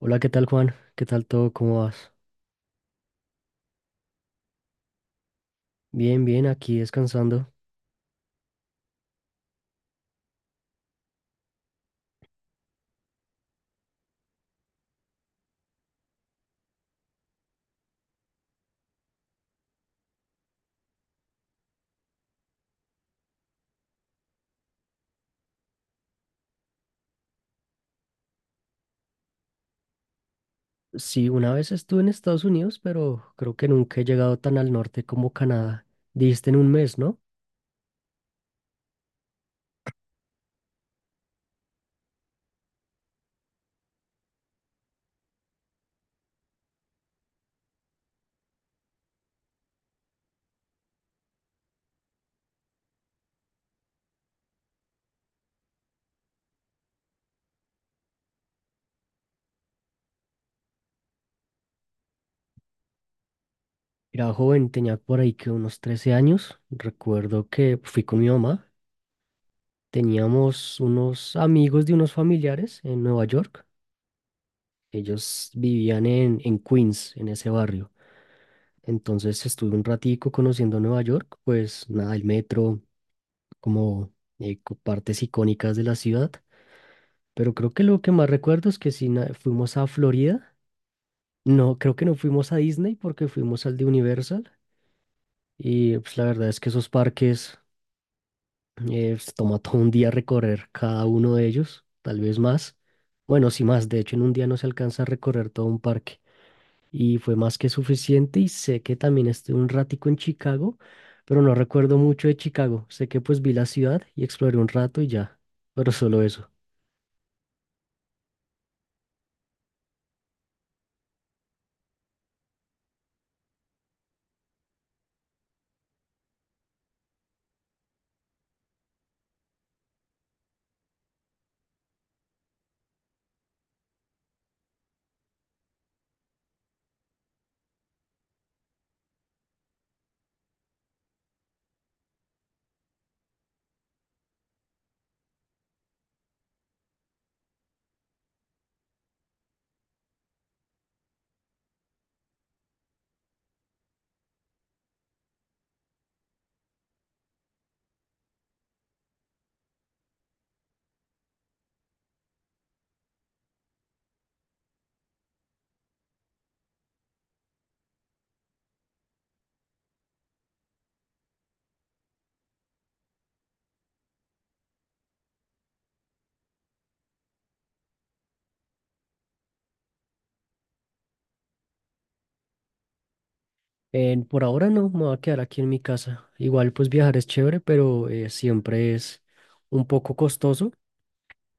Hola, ¿qué tal Juan? ¿Qué tal todo? ¿Cómo vas? Bien, bien, aquí descansando. Sí, una vez estuve en Estados Unidos, pero creo que nunca he llegado tan al norte como Canadá. Dijiste en un mes, ¿no? Era joven, tenía por ahí que unos 13 años. Recuerdo que fui con mi mamá. Teníamos unos amigos de unos familiares en Nueva York. Ellos vivían en Queens, en ese barrio. Entonces estuve un ratico conociendo Nueva York, pues nada, el metro, como partes icónicas de la ciudad. Pero creo que lo que más recuerdo es que si fuimos a Florida, no, creo que no fuimos a Disney porque fuimos al de Universal. Y pues la verdad es que esos parques, pues, toma todo un día recorrer cada uno de ellos, tal vez más. Bueno, sí más, de hecho en un día no se alcanza a recorrer todo un parque. Y fue más que suficiente y sé que también estuve un ratico en Chicago, pero no recuerdo mucho de Chicago. Sé que pues vi la ciudad y exploré un rato y ya, pero solo eso. Por ahora no, me voy a quedar aquí en mi casa. Igual pues viajar es chévere, pero siempre es un poco costoso,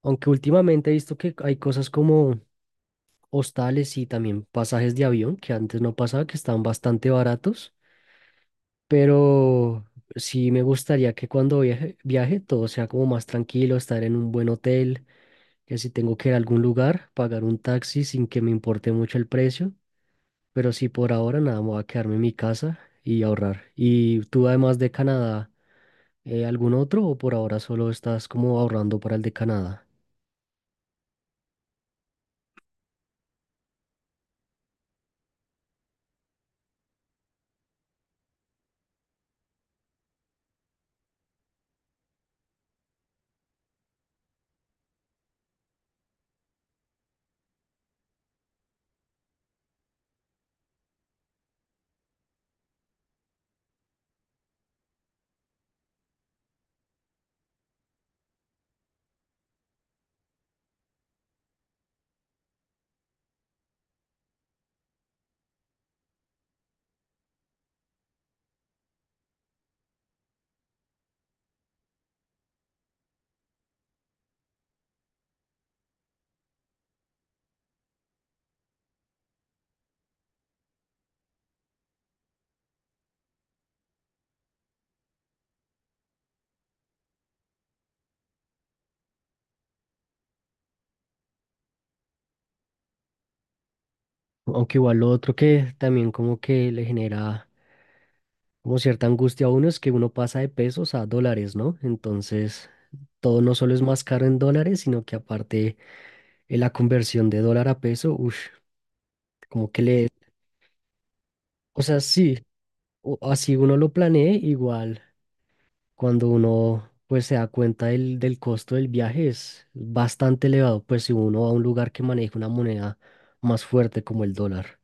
aunque últimamente he visto que hay cosas como hostales y también pasajes de avión, que antes no pasaba, que estaban bastante baratos, pero sí me gustaría que cuando viaje, viaje todo sea como más tranquilo, estar en un buen hotel, que si tengo que ir a algún lugar, pagar un taxi sin que me importe mucho el precio. Pero sí, por ahora nada, me voy a quedarme en mi casa y ahorrar. ¿Y tú además de Canadá, algún otro o por ahora solo estás como ahorrando para el de Canadá? Aunque igual lo otro que también como que le genera como cierta angustia a uno es que uno pasa de pesos a dólares, ¿no? Entonces, todo no solo es más caro en dólares, sino que aparte la conversión de dólar a peso, uff, como que le... O sea, sí, así uno lo planee igual. Cuando uno pues se da cuenta del costo del viaje es bastante elevado, pues si uno va a un lugar que maneja una moneda más fuerte como el dólar.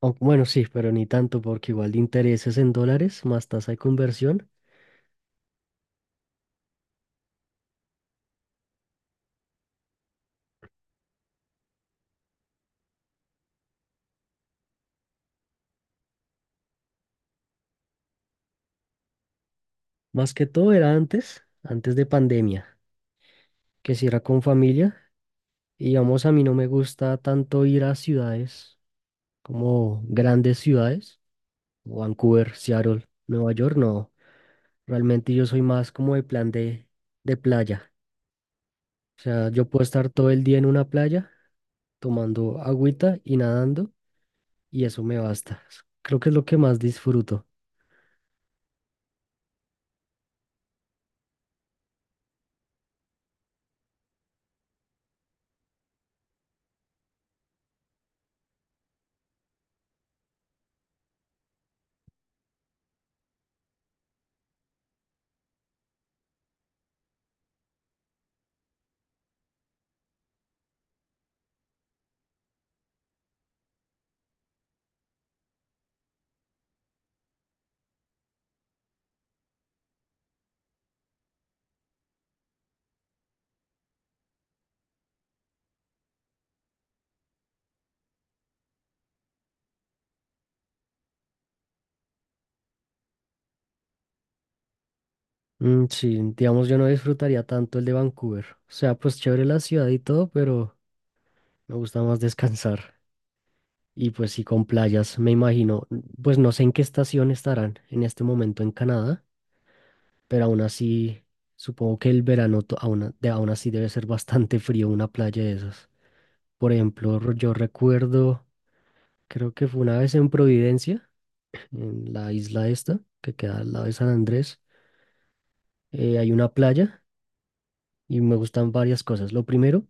Aunque, bueno, sí, pero ni tanto porque igual de intereses en dólares más tasa de conversión. Más que todo era antes, antes de pandemia, que si era con familia. Y vamos, a mí no me gusta tanto ir a ciudades como grandes ciudades, Vancouver, Seattle, Nueva York, no. Realmente yo soy más como de plan de playa. O sea, yo puedo estar todo el día en una playa tomando agüita y nadando y eso me basta. Creo que es lo que más disfruto. Mm, sí, digamos, yo no disfrutaría tanto el de Vancouver. O sea, pues chévere la ciudad y todo, pero me gusta más descansar. Y pues sí, con playas, me imagino. Pues no sé en qué estación estarán en este momento en Canadá, pero aún así, supongo que el verano aún así debe ser bastante frío una playa de esas. Por ejemplo, yo recuerdo, creo que fue una vez en Providencia, en la isla esta, que queda al lado de San Andrés. Hay una playa y me gustan varias cosas. Lo primero,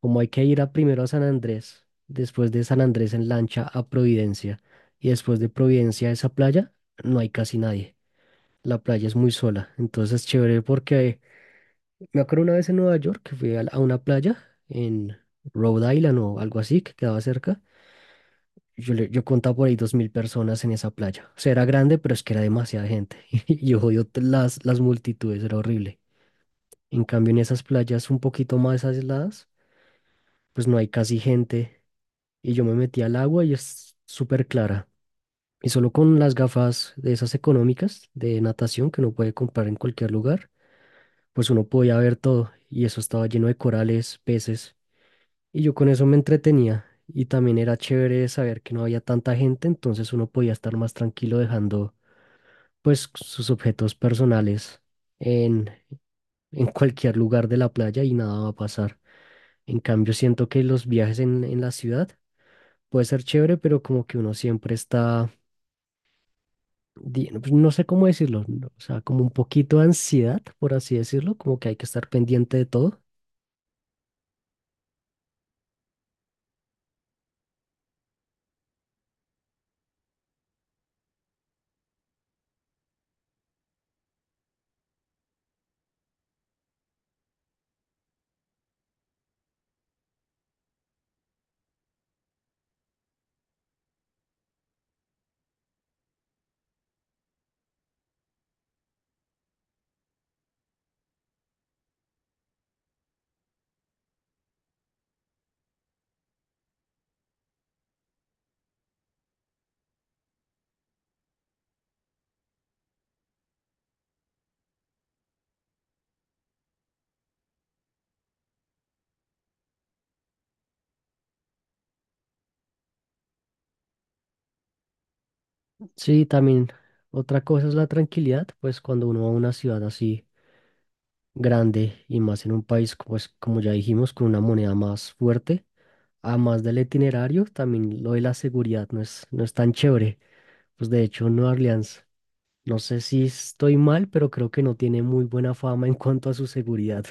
como hay que ir a primero a San Andrés, después de San Andrés en lancha a Providencia y después de Providencia a esa playa, no hay casi nadie. La playa es muy sola, entonces es chévere porque me acuerdo una vez en Nueva York que fui a una playa en Rhode Island o algo así que quedaba cerca. Yo contaba por ahí 2000 personas en esa playa. O sea, era grande, pero es que era demasiada gente. Y yo odio las multitudes, era horrible. En cambio, en esas playas un poquito más aisladas, pues no hay casi gente. Y yo me metí al agua y es súper clara. Y solo con las gafas de esas económicas de natación que uno puede comprar en cualquier lugar, pues uno podía ver todo. Y eso estaba lleno de corales, peces. Y yo con eso me entretenía. Y también era chévere saber que no había tanta gente, entonces uno podía estar más tranquilo dejando pues sus objetos personales en, en cualquier lugar de la playa y nada va a pasar. En cambio, siento que los viajes en la ciudad puede ser chévere, pero como que uno siempre está, pues, no sé cómo decirlo, no, o sea, como un poquito de ansiedad, por así decirlo, como que hay que estar pendiente de todo. Sí, también otra cosa es la tranquilidad, pues cuando uno va a una ciudad así grande y más en un país, pues como ya dijimos, con una moneda más fuerte. Además del itinerario, también lo de la seguridad no es tan chévere. Pues de hecho, Nueva Orleans, no sé si estoy mal, pero creo que no tiene muy buena fama en cuanto a su seguridad.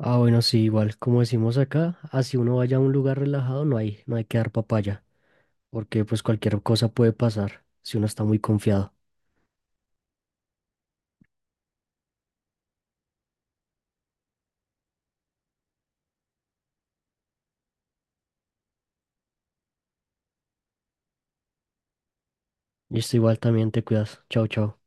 Ah, bueno, sí, igual, como decimos acá, así uno vaya a un lugar relajado, no hay que dar papaya, porque pues cualquier cosa puede pasar si uno está muy confiado. Y esto igual también te cuidas. Chao, chao.